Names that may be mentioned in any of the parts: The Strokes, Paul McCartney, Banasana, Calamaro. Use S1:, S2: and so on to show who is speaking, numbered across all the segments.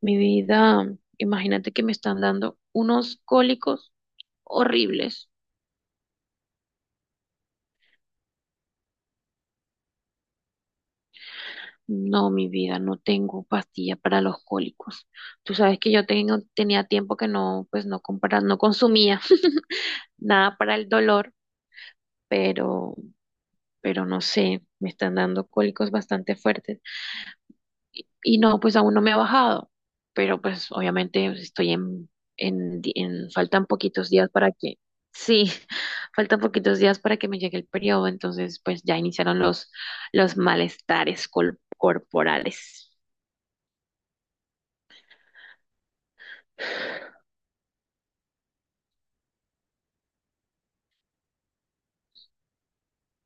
S1: Mi vida, imagínate que me están dando unos cólicos horribles. No, mi vida, no tengo pastilla para los cólicos. Tú sabes que yo tengo, tenía tiempo que no, pues no consumía nada para el dolor, pero, pero no sé, me están dando cólicos bastante fuertes. Y no, pues aún no me ha bajado, pero pues obviamente estoy faltan poquitos días para que, sí, faltan poquitos días para que me llegue el periodo, entonces pues ya iniciaron los malestares corporales.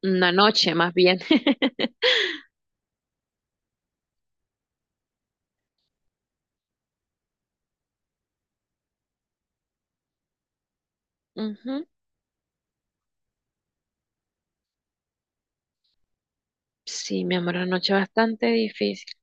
S1: Una noche más bien. Ujú. Sí, mi amor, una noche bastante difícil.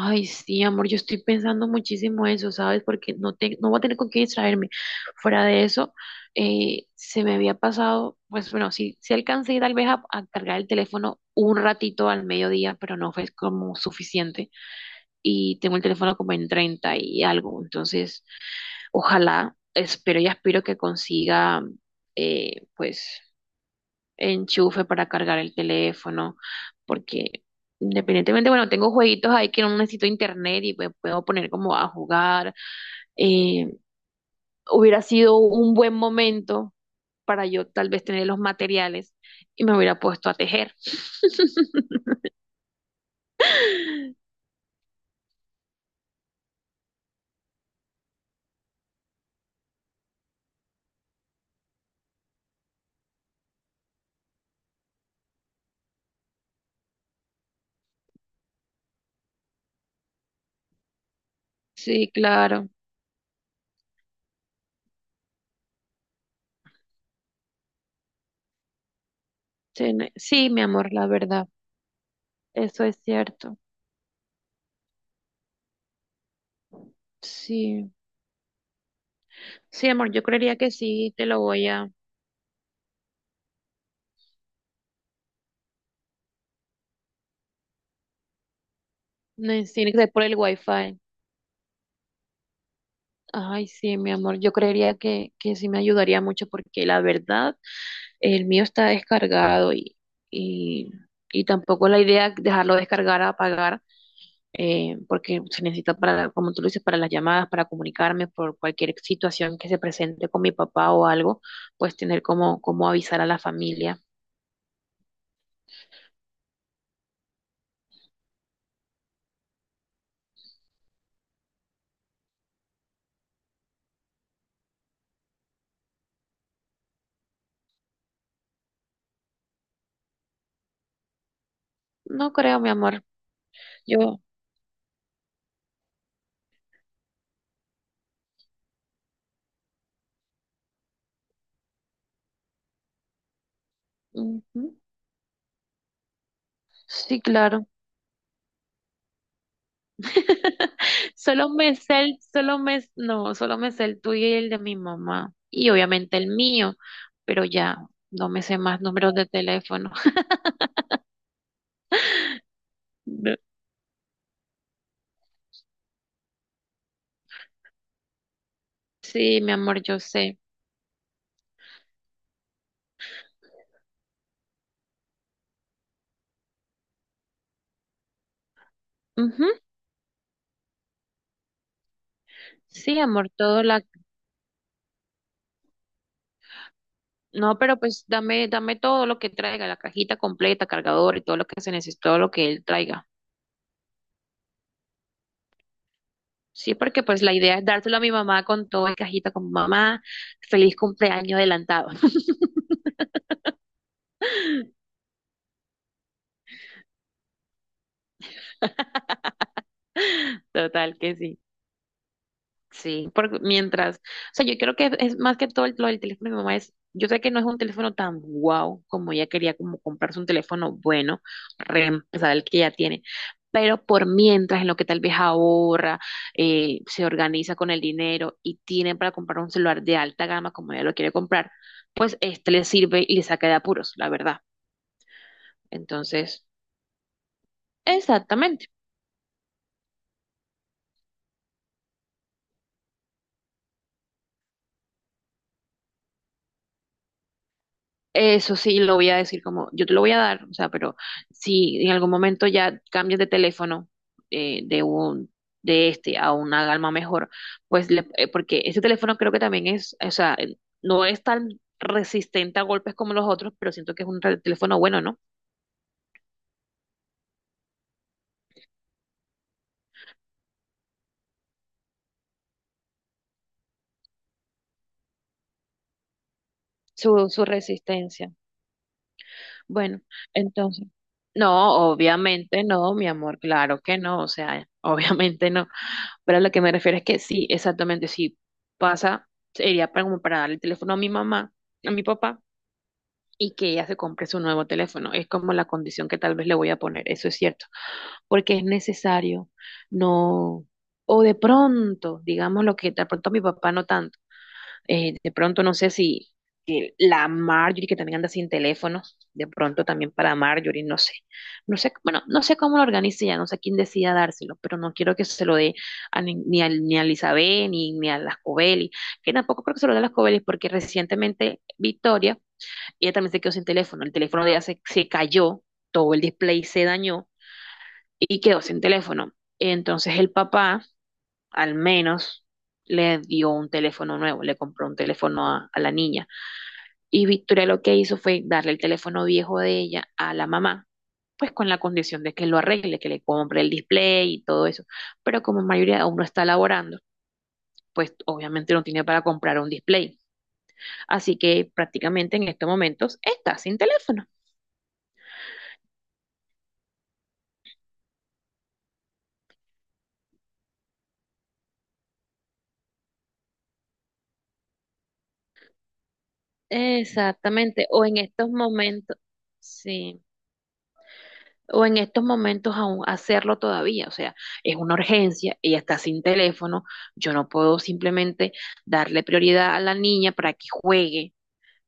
S1: Ay, sí, amor, yo estoy pensando muchísimo eso, ¿sabes? Porque no, no voy a tener con qué distraerme. Fuera de eso, se me había pasado, pues bueno, sí, sí alcancé tal vez a cargar el teléfono un ratito al mediodía, pero no fue como suficiente. Y tengo el teléfono como en 30 y algo, entonces ojalá, espero y aspiro que consiga, pues enchufe para cargar el teléfono, porque independientemente, bueno, tengo jueguitos ahí que no necesito internet y pues puedo poner como a jugar. Eh, Hubiera sido un buen momento para yo tal vez tener los materiales y me hubiera puesto a tejer. Sí, claro. Sí, mi amor, la verdad. Eso es cierto. Sí. Sí, amor, yo creería que sí, te lo voy a... Tiene que ser por el wifi. Ay, sí, mi amor, yo creería que sí me ayudaría mucho porque la verdad, el mío está descargado y, y tampoco la idea es dejarlo descargar a apagar porque se necesita para, como tú lo dices, para las llamadas, para comunicarme por cualquier situación que se presente con mi papá o algo, pues tener como avisar a la familia. No creo, mi amor, yo... Ujú. Sí, claro. Solo me sé no, solo me sé el tuyo y el de mi mamá. Y obviamente el mío, pero ya no me sé más números de teléfono. No. Sí, mi amor, yo sé. Ujú. Sí, amor, todo la... No, pero pues dame todo lo que traiga, la cajita completa, cargador y todo lo que se necesite, todo lo que él traiga. Sí, porque pues la idea es dárselo a mi mamá con todo en cajita, con mamá, feliz cumpleaños adelantado. Total que sí. Sí, porque mientras, o sea, yo creo que es más que todo lo del teléfono de mi mamá es, yo sé que no es un teléfono tan guau como ella quería como comprarse un teléfono bueno, reemplazar el que ya tiene, pero por mientras en lo que tal vez ahorra, se organiza con el dinero y tiene para comprar un celular de alta gama como ella lo quiere comprar, pues este le sirve y le saca de apuros, la verdad. Entonces, exactamente. Eso sí, lo voy a decir como, yo te lo voy a dar, o sea, pero si en algún momento ya cambias de teléfono eh, de un de este a una gama mejor, pues porque ese teléfono creo que también es, o sea, no es tan resistente a golpes como los otros, pero siento que es un teléfono bueno, ¿no? Su resistencia. Bueno, entonces, no, obviamente no, mi amor, claro que no, o sea, obviamente no. Pero a lo que me refiero es que sí, exactamente, si pasa, sería para, como para darle el teléfono a mi mamá, a mi papá, y que ella se compre su nuevo teléfono. Es como la condición que tal vez le voy a poner, eso es cierto, porque es necesario, no, o de pronto, digamos lo que de pronto mi papá no tanto de pronto no sé si la Marjorie, que también anda sin teléfono, de pronto también para Marjorie, no sé. No sé, bueno, no sé cómo lo organice ya, no sé quién decida dárselo, pero no quiero que se lo dé a ni a Elizabeth ni a las Covelli, que tampoco creo que se lo dé a las Covelli porque recientemente Victoria, ella también se quedó sin teléfono, el teléfono de ella se cayó, todo el display se dañó y quedó sin teléfono. Entonces el papá al menos le dio un teléfono nuevo, le compró un teléfono a la niña. Y Victoria lo que hizo fue darle el teléfono viejo de ella a la mamá, pues con la condición de que lo arregle, que le compre el display y todo eso. Pero como mayoría aún no está laborando, pues obviamente no tiene para comprar un display. Así que prácticamente en estos momentos está sin teléfono. Exactamente, o en estos momentos, sí. O en estos momentos aún hacerlo todavía. O sea, es una urgencia, ella está sin teléfono, yo no puedo simplemente darle prioridad a la niña para que juegue.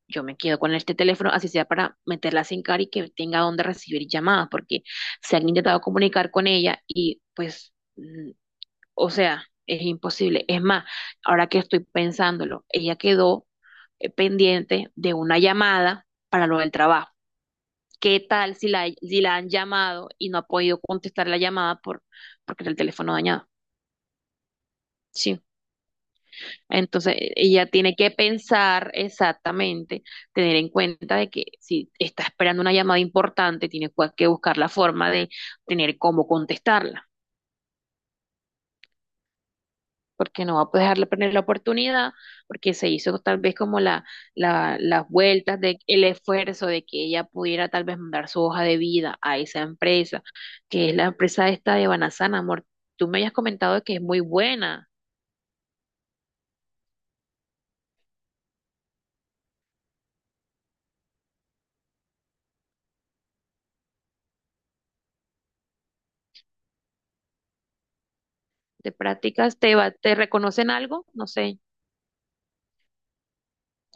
S1: Yo me quedo con este teléfono, así sea para meterla sin cara y que tenga donde recibir llamadas, porque se han intentado comunicar con ella y o sea, es imposible. Es más, ahora que estoy pensándolo, ella quedó pendiente de una llamada para lo del trabajo. ¿Qué tal si si la han llamado y no ha podido contestar la llamada porque era el teléfono dañado? Sí. Entonces, ella tiene que pensar exactamente, tener en cuenta de que si está esperando una llamada importante, tiene que buscar la forma de tener cómo contestarla. Porque no va a dejarle perder la oportunidad, porque se hizo tal vez como las vueltas de el esfuerzo de que ella pudiera tal vez mandar su hoja de vida a esa empresa, que es la empresa esta de Banasana, amor. Tú me habías comentado que es muy buena. ¿Te prácticas? Te reconocen algo? No sé.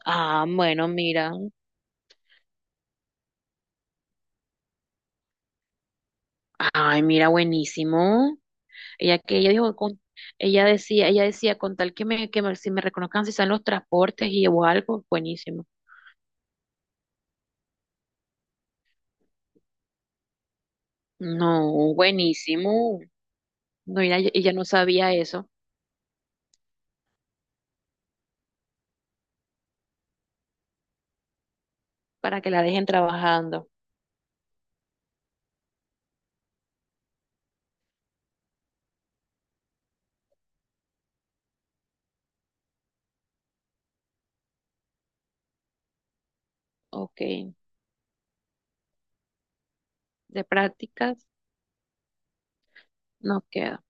S1: Ah, bueno, mira. Ay, mira, buenísimo. Ella que ella dijo con Ella decía, con tal si me reconozcan si están los transportes y o algo, buenísimo. No, buenísimo. No, ella no sabía eso, para que la dejen trabajando. Ok, de prácticas no queda.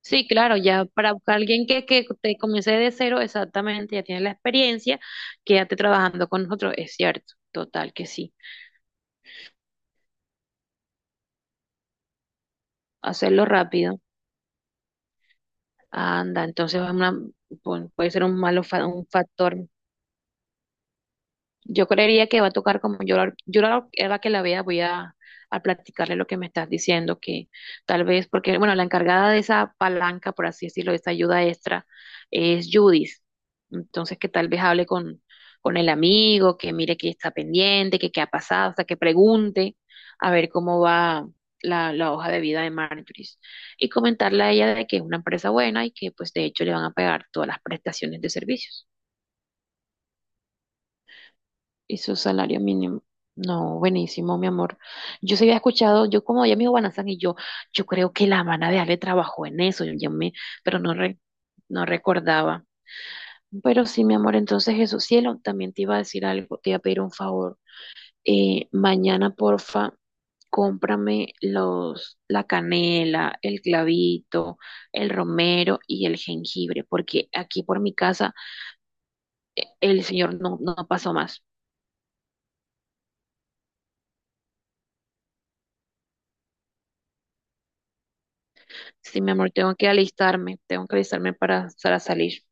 S1: Sí, claro, ya para buscar alguien que te comience de cero, exactamente, ya tiene la experiencia, quédate trabajando con nosotros, es cierto, total que sí. Hacerlo rápido, anda, entonces es puede ser un un factor. Yo creería que va a tocar como yo, a la que la vea voy a platicarle lo que me estás diciendo, que tal vez, porque bueno, la encargada de esa palanca, por así decirlo, de esa ayuda extra, es Judith. Entonces, que tal vez hable con el amigo, que mire que está pendiente, que qué ha pasado, hasta que pregunte a ver cómo va la hoja de vida de Marjorie. Y comentarle a ella de que es una empresa buena y que pues de hecho le van a pagar todas las prestaciones de servicios y su salario mínimo. No, buenísimo, mi amor. Yo se había escuchado, yo como ella me dijo Banazán y yo, creo que la hermana de Ale trabajó en eso, pero no, no recordaba. Pero sí, mi amor, entonces eso, cielo, también te iba a decir algo, te iba a pedir un favor. Mañana, porfa, cómprame la canela, el clavito, el romero y el jengibre, porque aquí por mi casa el señor no, no pasó más. Sí, mi amor, tengo que alistarme para salir.